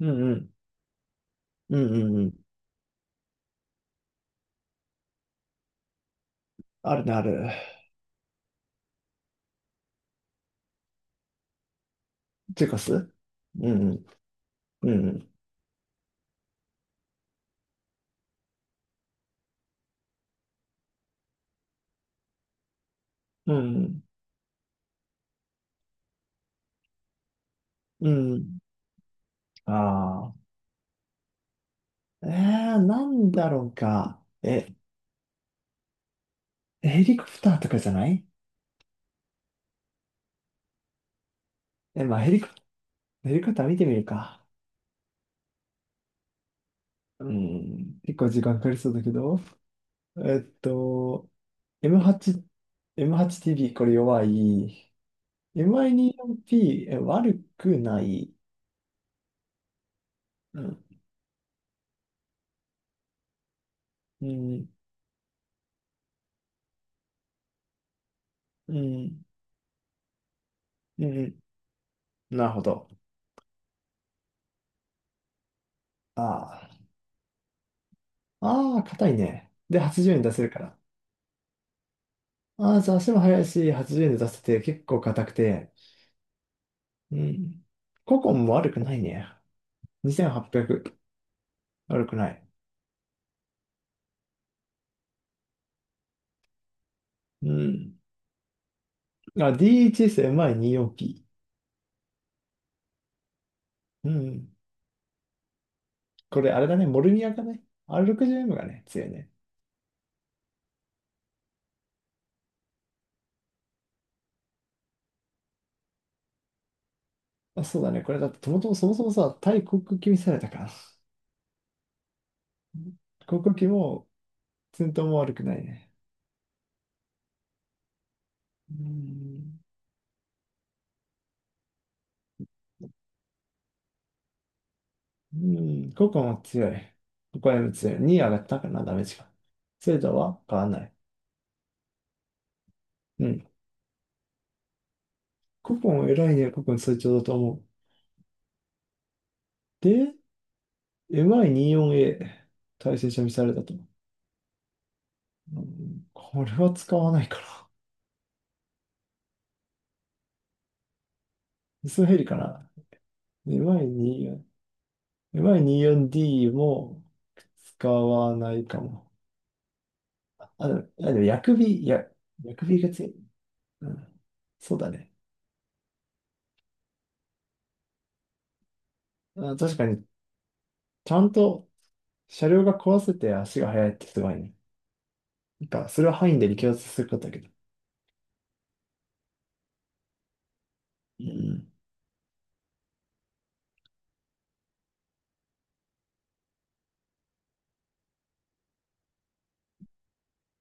うんうん。うんうんうん。あるね、ある。チュコスうんうん。うんうん。うん。うん。ああ。なんだろうか。え、ヘリコプターとかじゃない？え、まあヘリコ、ヘリコプター見てみるか。うん。結構時間かかりそうだけど。えっと、M8、M8TV これ弱い。MI24P、え、悪くない。うん。うん。うん。うん。なるほど。ああ。ああ、硬いね。で、80円出せるから。ああ、じゃあ足も速いし、80円で出せて結構硬くて。うん。ココンも悪くないね。2800。悪くない。うん。あ、DHSMI24P。うん。これあれだね、モルニアかね。R60M がね、強いね。あ、そうだね。これだって、ともともそもそもさ、対航空機ミサイルだから。航空機も、戦闘も悪くないね。うん。うん、ここも強い。ここも強い。2上がったかな、ダメージが。精度は変わらない。うん。ここも偉いね、ここの成長だと思う。で、MI24A、対戦車ミサイルだと。うん、これは使わないから。ミスヘリかな。MI24、MI24D も使わないかも。あ、でも、あでも薬味、いや、薬味が強い。うん。そうだね。あ、確かに、ちゃんと車両が壊せて足が速いってすごいね。なんか、それは範囲で力圧することだけど。うん。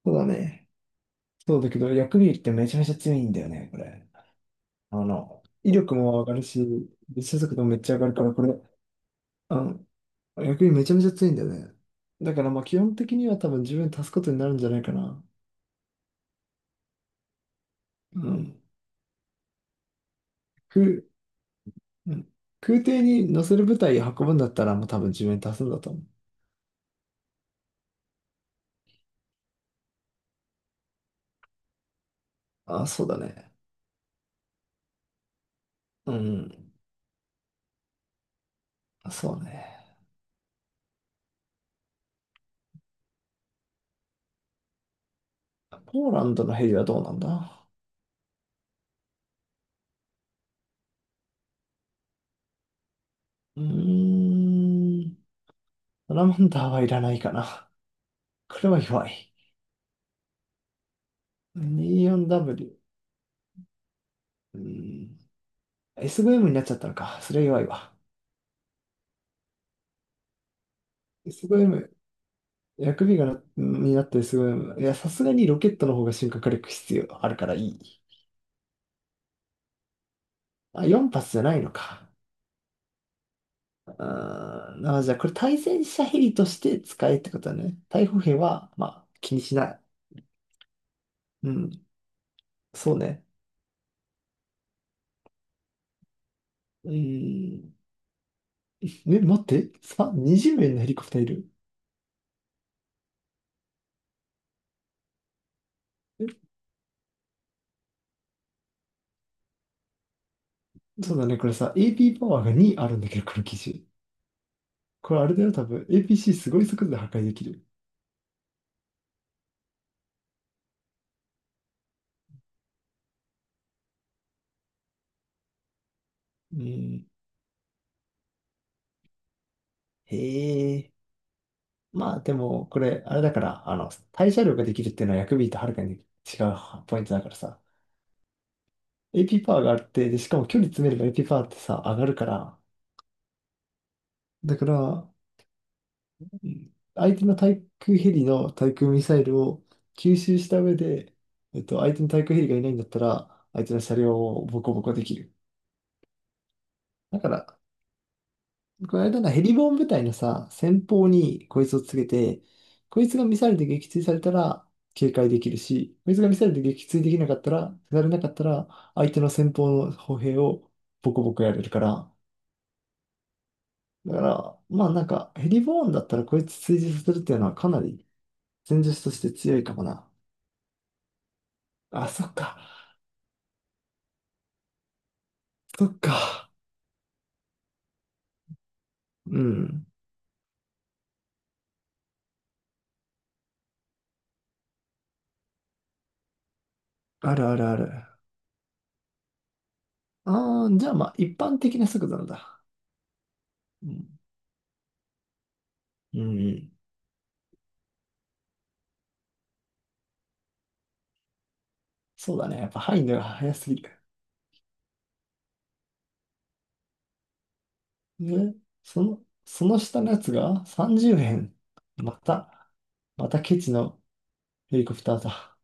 そうだね。そうだけど、薬味ってめちゃめちゃ強いんだよね、これ。あの、威力も上がるし、列車速度もめっちゃ上がるから、これ、あの、薬味めちゃめちゃ強いんだよね。だから、まあ、基本的には多分自分足すことになるんじゃないかな。うん。空、うん。空挺に乗せる部隊運ぶんだったら、もう多分自分足すんだと思う。あ、そうだね。うん。そうね。ポーランドのヘリはどうなんだ？うーん。サラマンダーはいらないかな。これは弱い。24W。うん。SVM になっちゃったのか。それは弱いわ。SVM、薬味がな、になった SVM。いや、さすがにロケットの方が進化火力必要あるからいい。あ、4発じゃないのか。あーあ、じゃあこれ対戦車ヘリとして使えってことだね。対捕兵は、まあ、気にしない。うん。そうね。うーん。え、待って。さ、20名のヘリコプターいる。え、そうだね、これさ、AP パワーが2あるんだけど、この機種。これあれだよ、多分。APC すごい速度で破壊できる。うん。へえ。まあでも、これ、あれだから、あの、対射量ができるっていうのは薬 B とはるかに違うポイントだからさ。AP パワーがあって、で、しかも距離詰めれば AP パワーってさ、上がるから、だから、うん、相手の対空ヘリの対空ミサイルを吸収した上で、相手の対空ヘリがいないんだったら、相手の車両をボコボコできる。だから、この間のヘリボーン部隊のさ、先方にこいつをつけて、こいつがミサイルで撃墜されたら警戒できるし、こいつがミサイルで撃墜できなかったら、されなかったら、相手の先方の歩兵をボコボコやれるから。だから、まあなんか、ヘリボーンだったらこいつ追従させるっていうのはかなり戦術として強いかもな。あ、そっか、そっか。うん。あるあるある。ああ、じゃあまあ、一般的な速度なんだ。うん。うんうん。そうだね。やっぱ範囲が速すぎる。ね、その、その下のやつが30円。また、またケチのヘリコプターだ。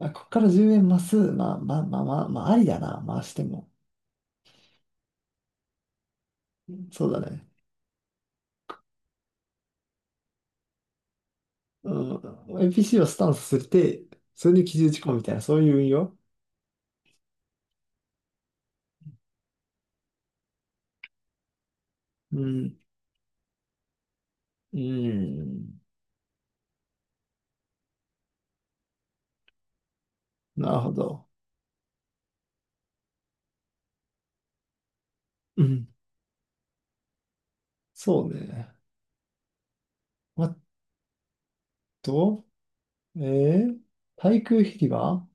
あ、こっから10円増す。まあまあまあまあ、まあ、ありだな。回しても。そうだね。うん。NPC をスタンスさせて、それに基準事項みたいな、そういう運用。うん。うん。なるほど。うん。そうね。あと、えー、対空ヘリは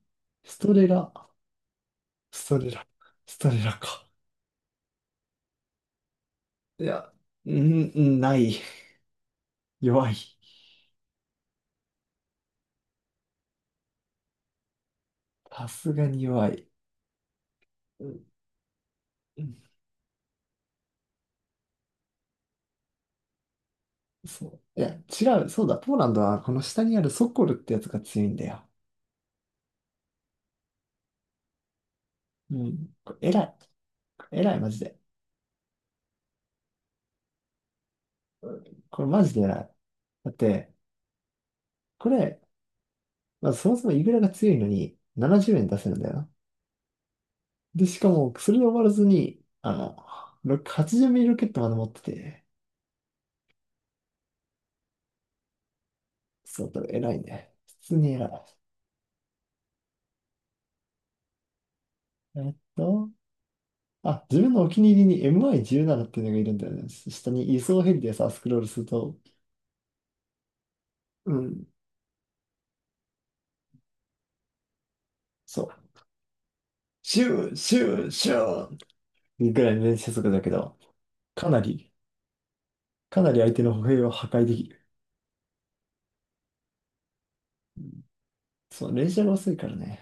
ストレラ。ストレラ。ストレラか。いや、うん、うんない。弱い。さすがに弱い。うんうん、そう。いや、違う。そうだ。ポーランドはこの下にあるソコルってやつが強いんだよ。うん。これ偉い。偉い、マジで。これマジで偉い。だって、これ、まずそもそもイグラが強いのに70円出せるんだよな。で、しかも、それで終わらずに、あの、ろく80ミリロケットまで持ってて、そう、だから偉いね。普通に偉い。えっと、あ、自分のお気に入りに MI17 っていうのがいるんだよね。下に輸送ヘリでさ、スクロールすると、うん。そう。シュー、シュー、シューぐらいの連射速度だけど、かなり、かなり相手の歩兵を破壊できる。そう、連射が遅いからね。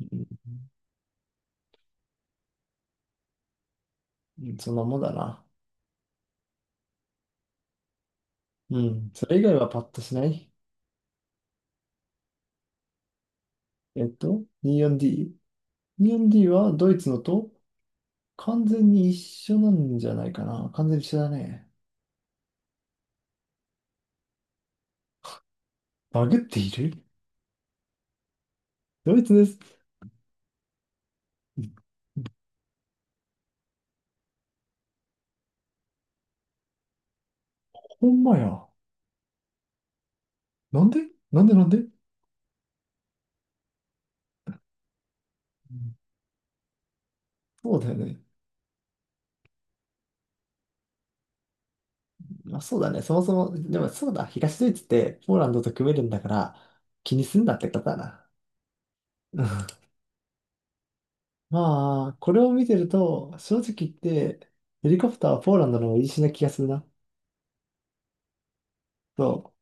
うん、うん、そんなもんだな。うん。それ以外はパッとしない。24D。24D はドイツのと完全に一緒なんじゃないかな。完全に一緒だね。バグっているドイツです。ほんまや。なんでなんでうん、そうだよね。まあそうだね。そもそも、でもそうだ。東ドイツってポーランドと組めるんだから、気にすんなってことだな。うん、まあ、これを見てると、正直言って、ヘリコプターはポーランドの方がいいしな気がするな。そ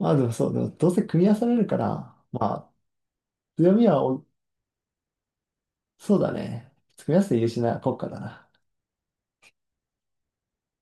う。まあでもそう、でもどうせ組み合わされるから、まあ、強みはお、そうだね。組み合わせて優秀な国家だな。